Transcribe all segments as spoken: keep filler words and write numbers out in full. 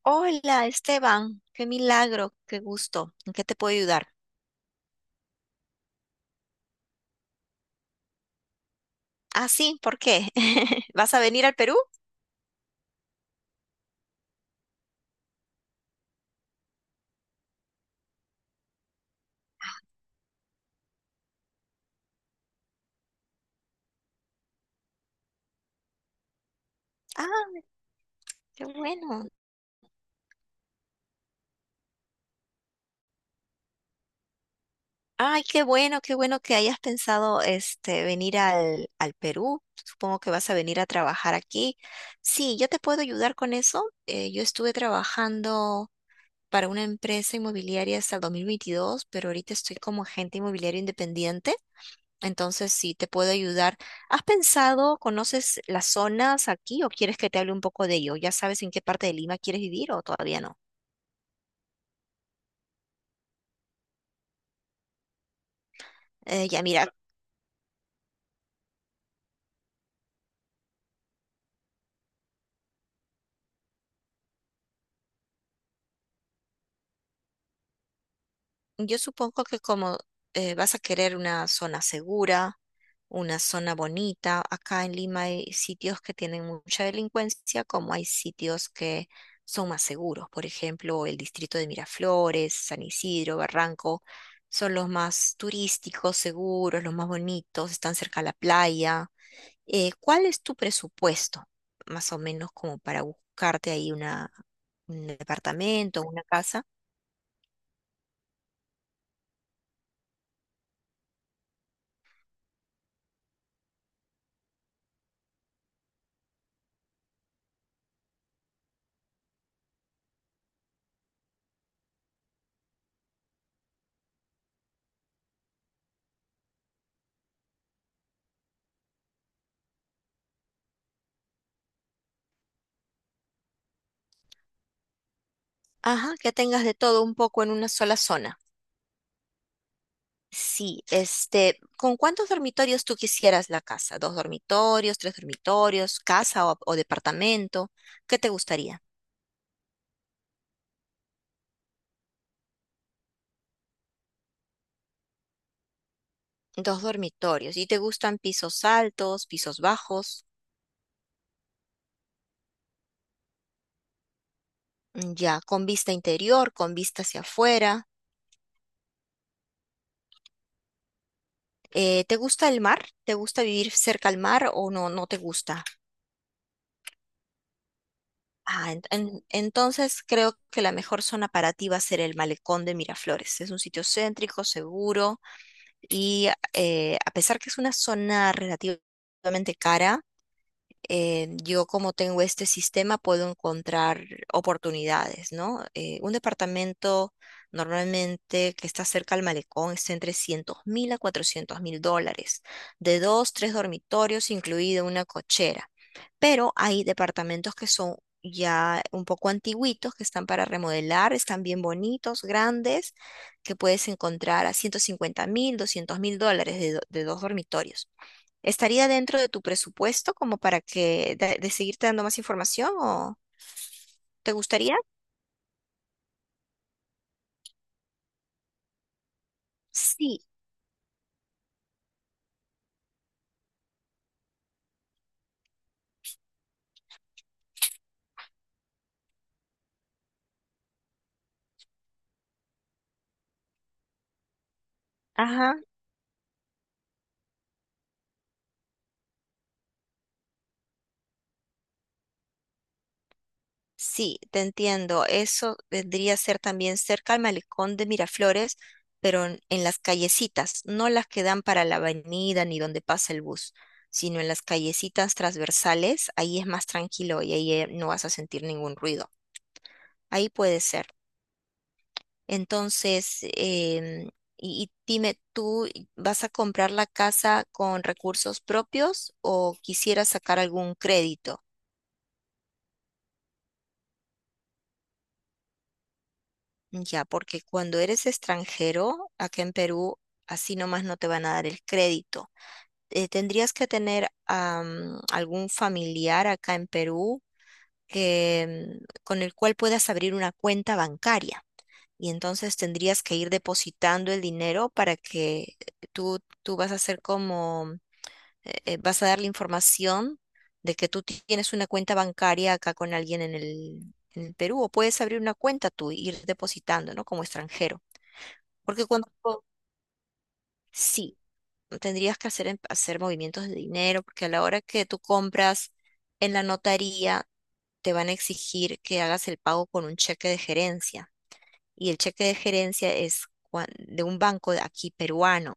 Hola, Esteban, qué milagro, qué gusto. ¿En qué te puedo ayudar? Ah, sí, ¿por qué? ¿Vas a venir al Perú? Ah, qué bueno. Ay, qué bueno, qué bueno que hayas pensado este venir al, al Perú. Supongo que vas a venir a trabajar aquí. Sí, yo te puedo ayudar con eso. Eh, yo estuve trabajando para una empresa inmobiliaria hasta el dos mil veintidós, pero ahorita estoy como agente inmobiliario independiente. Entonces, sí, te puedo ayudar. ¿Has pensado, conoces las zonas aquí o quieres que te hable un poco de ello? ¿Ya sabes en qué parte de Lima quieres vivir o todavía no? Eh, ya mira, yo supongo que como eh, vas a querer una zona segura, una zona bonita. Acá en Lima hay sitios que tienen mucha delincuencia, como hay sitios que son más seguros. Por ejemplo, el distrito de Miraflores, San Isidro, Barranco, son los más turísticos, seguros, los más bonitos, están cerca a la playa. Eh, ¿cuál es tu presupuesto? Más o menos como para buscarte ahí una, un departamento, una casa. Ajá, que tengas de todo un poco en una sola zona. Sí, este, ¿con cuántos dormitorios tú quisieras la casa? ¿Dos dormitorios, tres dormitorios, casa o, o departamento? ¿Qué te gustaría? Dos dormitorios. ¿Y te gustan pisos altos, pisos bajos? Mm, ya, con vista interior, con vista hacia afuera. Eh, ¿te gusta el mar? ¿Te gusta vivir cerca al mar o no, no te gusta? Ah, ent- en- entonces creo que la mejor zona para ti va a ser el Malecón de Miraflores. Es un sitio céntrico, seguro y eh, a pesar que es una zona relativamente cara, eh, yo como tengo este sistema puedo encontrar oportunidades, ¿no? Eh, un departamento normalmente que está cerca al malecón está entre trescientos mil a cuatrocientos mil dólares, de dos, tres dormitorios, incluida una cochera. Pero hay departamentos que son ya un poco antiguitos, que están para remodelar, están bien bonitos, grandes, que puedes encontrar a ciento cincuenta mil, doscientos mil dólares de, do- de dos dormitorios. ¿Estaría dentro de tu presupuesto como para que de, de seguirte dando más información o te gustaría? Sí, ajá, sí, te entiendo. Eso vendría a ser también cerca al malecón de Miraflores, pero en, en las callecitas, no las que dan para la avenida ni donde pasa el bus, sino en las callecitas transversales. Ahí es más tranquilo y ahí eh, no vas a sentir ningún ruido. Ahí puede ser. Entonces, em, y, y dime, ¿tú vas a comprar la casa con recursos propios o quisieras sacar algún crédito? Ya, porque cuando eres extranjero, acá en Perú, así nomás no te van a dar el crédito. Eh, tendrías que tener am, algún familiar acá en Perú que, mm, con el cual puedas abrir una cuenta bancaria. Y entonces tendrías que ir depositando el dinero para que tú, tú vas a ser como eh, eh, vas a dar la información de que tú tienes una cuenta bancaria acá con alguien en el, en el Perú o puedes abrir una cuenta tú e ir depositando, ¿no? Como extranjero. Porque cuando sí, tendrías que hacer, em- hacer movimientos de dinero, porque a la hora que tú compras en la notaría, te van a exigir que hagas el pago con un cheque de gerencia. Y el cheque de gerencia es cua- de un banco de aquí peruano.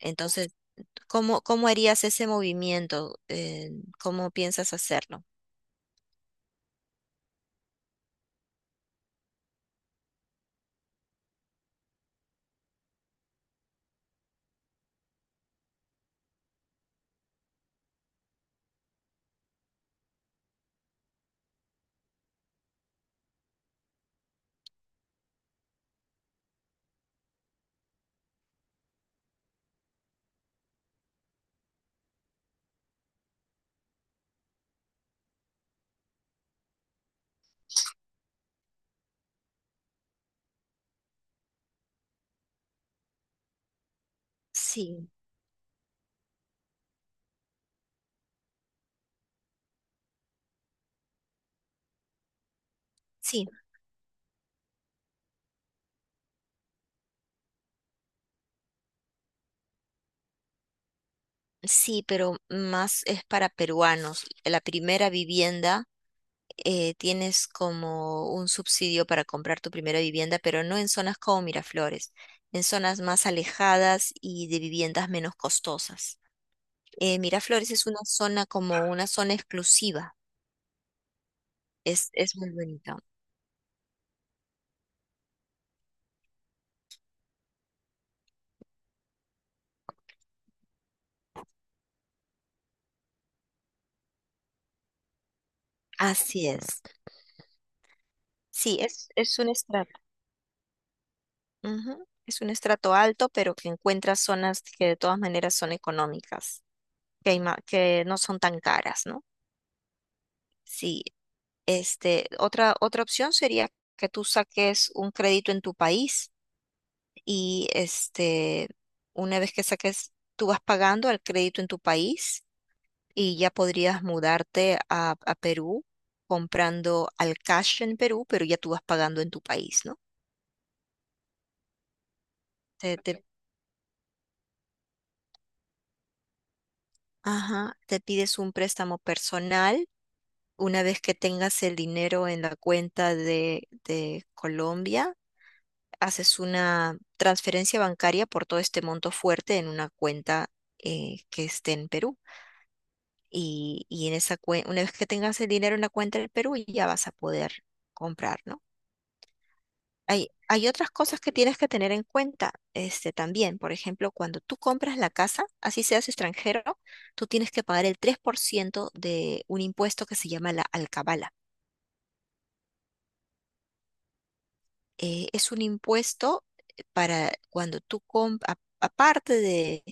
Entonces, ¿Cómo, cómo harías ese movimiento? Eh, ¿cómo piensas hacerlo? Sí, sí, sí, pero más es para peruanos. La primera vivienda eh, tienes como un subsidio para comprar tu primera vivienda, pero no en zonas como Miraflores, en zonas más alejadas y de viviendas menos costosas. Eh, Miraflores es una zona como una zona exclusiva. Es, es muy bonita. Así es. Sí, es, es un estrato. Ujú. Es un estrato alto, pero que encuentra zonas que de todas maneras son económicas, que, hay ma- que no son tan caras, ¿no? Sí, este, otra, otra opción sería que tú saques un crédito en tu país y este, una vez que saques, tú vas pagando el crédito en tu país y ya podrías mudarte a, a Perú comprando al cash en Perú, pero ya tú vas pagando en tu país, ¿no? Te, te- ajá, te pides un préstamo personal. Una vez que tengas el dinero en la cuenta de, de Colombia, haces una transferencia bancaria por todo este monto fuerte en una cuenta eh, que esté en Perú. Y, y en esa cuen- una vez que tengas el dinero en la cuenta del Perú, ya vas a poder comprar, ¿no? Hay, hay otras cosas que tienes que tener en cuenta, este, también. Por ejemplo, cuando tú compras la casa, así seas extranjero, tú tienes que pagar el tres por ciento de un impuesto que se llama la alcabala. Eh, es un impuesto para cuando tú compras, aparte de,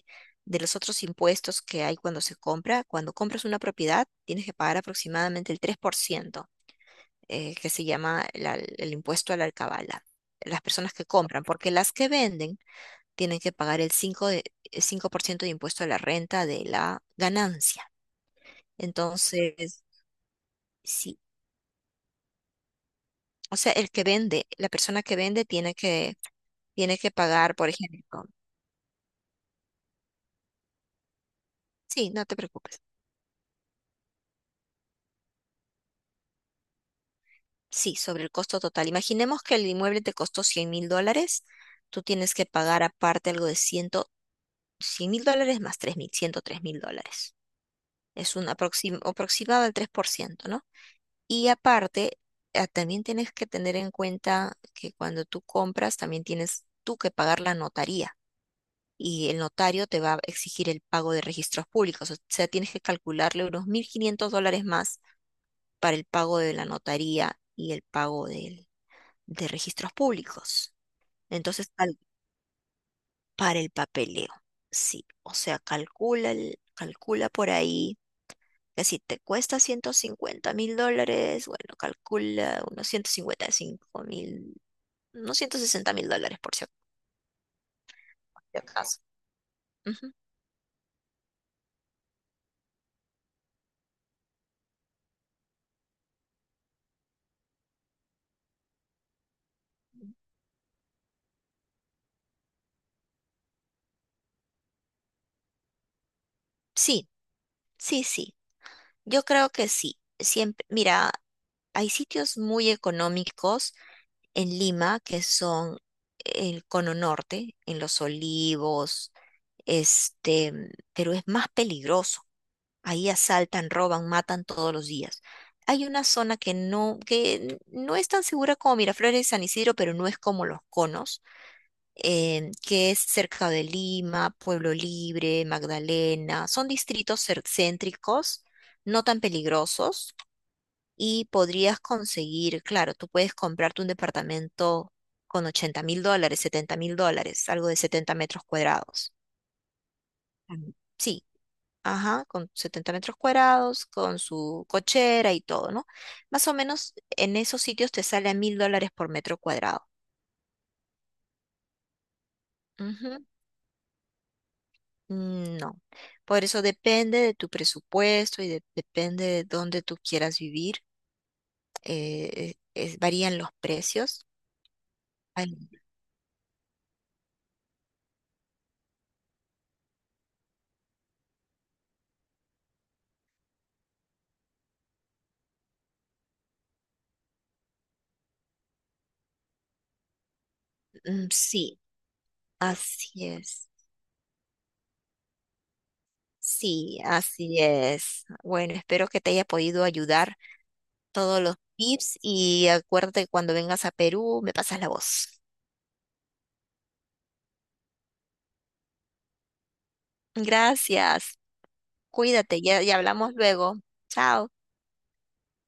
de los otros impuestos que hay cuando se compra, cuando compras una propiedad tienes que pagar aproximadamente el tres por ciento, eh, que se llama la- el impuesto a la alcabala, las personas que compran, porque las que venden tienen que pagar el cinco de, el cinco por ciento de impuesto a la renta de la ganancia. Entonces, sí. O sea, el que vende, la persona que vende tiene que, tiene que pagar, por ejemplo. Sí, no te preocupes. Sí, sobre el costo total. Imaginemos que el inmueble te costó cien mil dólares. Tú tienes que pagar aparte algo de cien, cien mil dólares más tres mil, ciento tres mil dólares. Es un aproxim- aproximado del tres por ciento, ¿no? Y aparte, eh, también tienes que tener en cuenta que cuando tú compras, también tienes tú que pagar la notaría. Y el notario te va a exigir el pago de registros públicos. O sea, tienes que calcularle unos mil quinientos dólares más para el pago de la notaría y el pago del de registros públicos. Entonces, cal- para el papeleo, sí. O sea, calcula, el- calcula por ahí que si te cuesta ciento cincuenta mil dólares, bueno, calcula unos ciento cincuenta y cinco mil, unos ciento sesenta mil dólares por si por si acaso. Ujú. Sí, sí, sí. Yo creo que sí. Siempre, mira, hay sitios muy económicos en Lima que son el Cono Norte, en Los Olivos, este, pero es más peligroso. Ahí asaltan, roban, matan todos los días. Hay una zona que no, que no, es tan segura como Miraflores y San Isidro, pero no es como los conos, em, que es cerca de Lima, Pueblo Libre, Magdalena. Son distritos cer- céntricos, no tan peligrosos, y podrías conseguir, claro, tú puedes comprarte un departamento con ochenta mil dólares, setenta mil dólares, algo de setenta metros cuadrados. Mm. Sí, ajá, con setenta metros cuadrados, con su cochera y todo, ¿no? Más o menos en esos sitios te sale a mil dólares por metro cuadrado. Ujú, no. Por eso depende de tu presupuesto y de- depende de dónde tú quieras vivir. Eh, eh, es- varían los precios. Ay, mm, sí, así es. Sí, así es. Bueno, espero que te haya podido ayudar todos los tips y acuérdate que cuando vengas a Perú me pasas la voz. Gracias. Cuídate, ya, ya hablamos luego. Chao.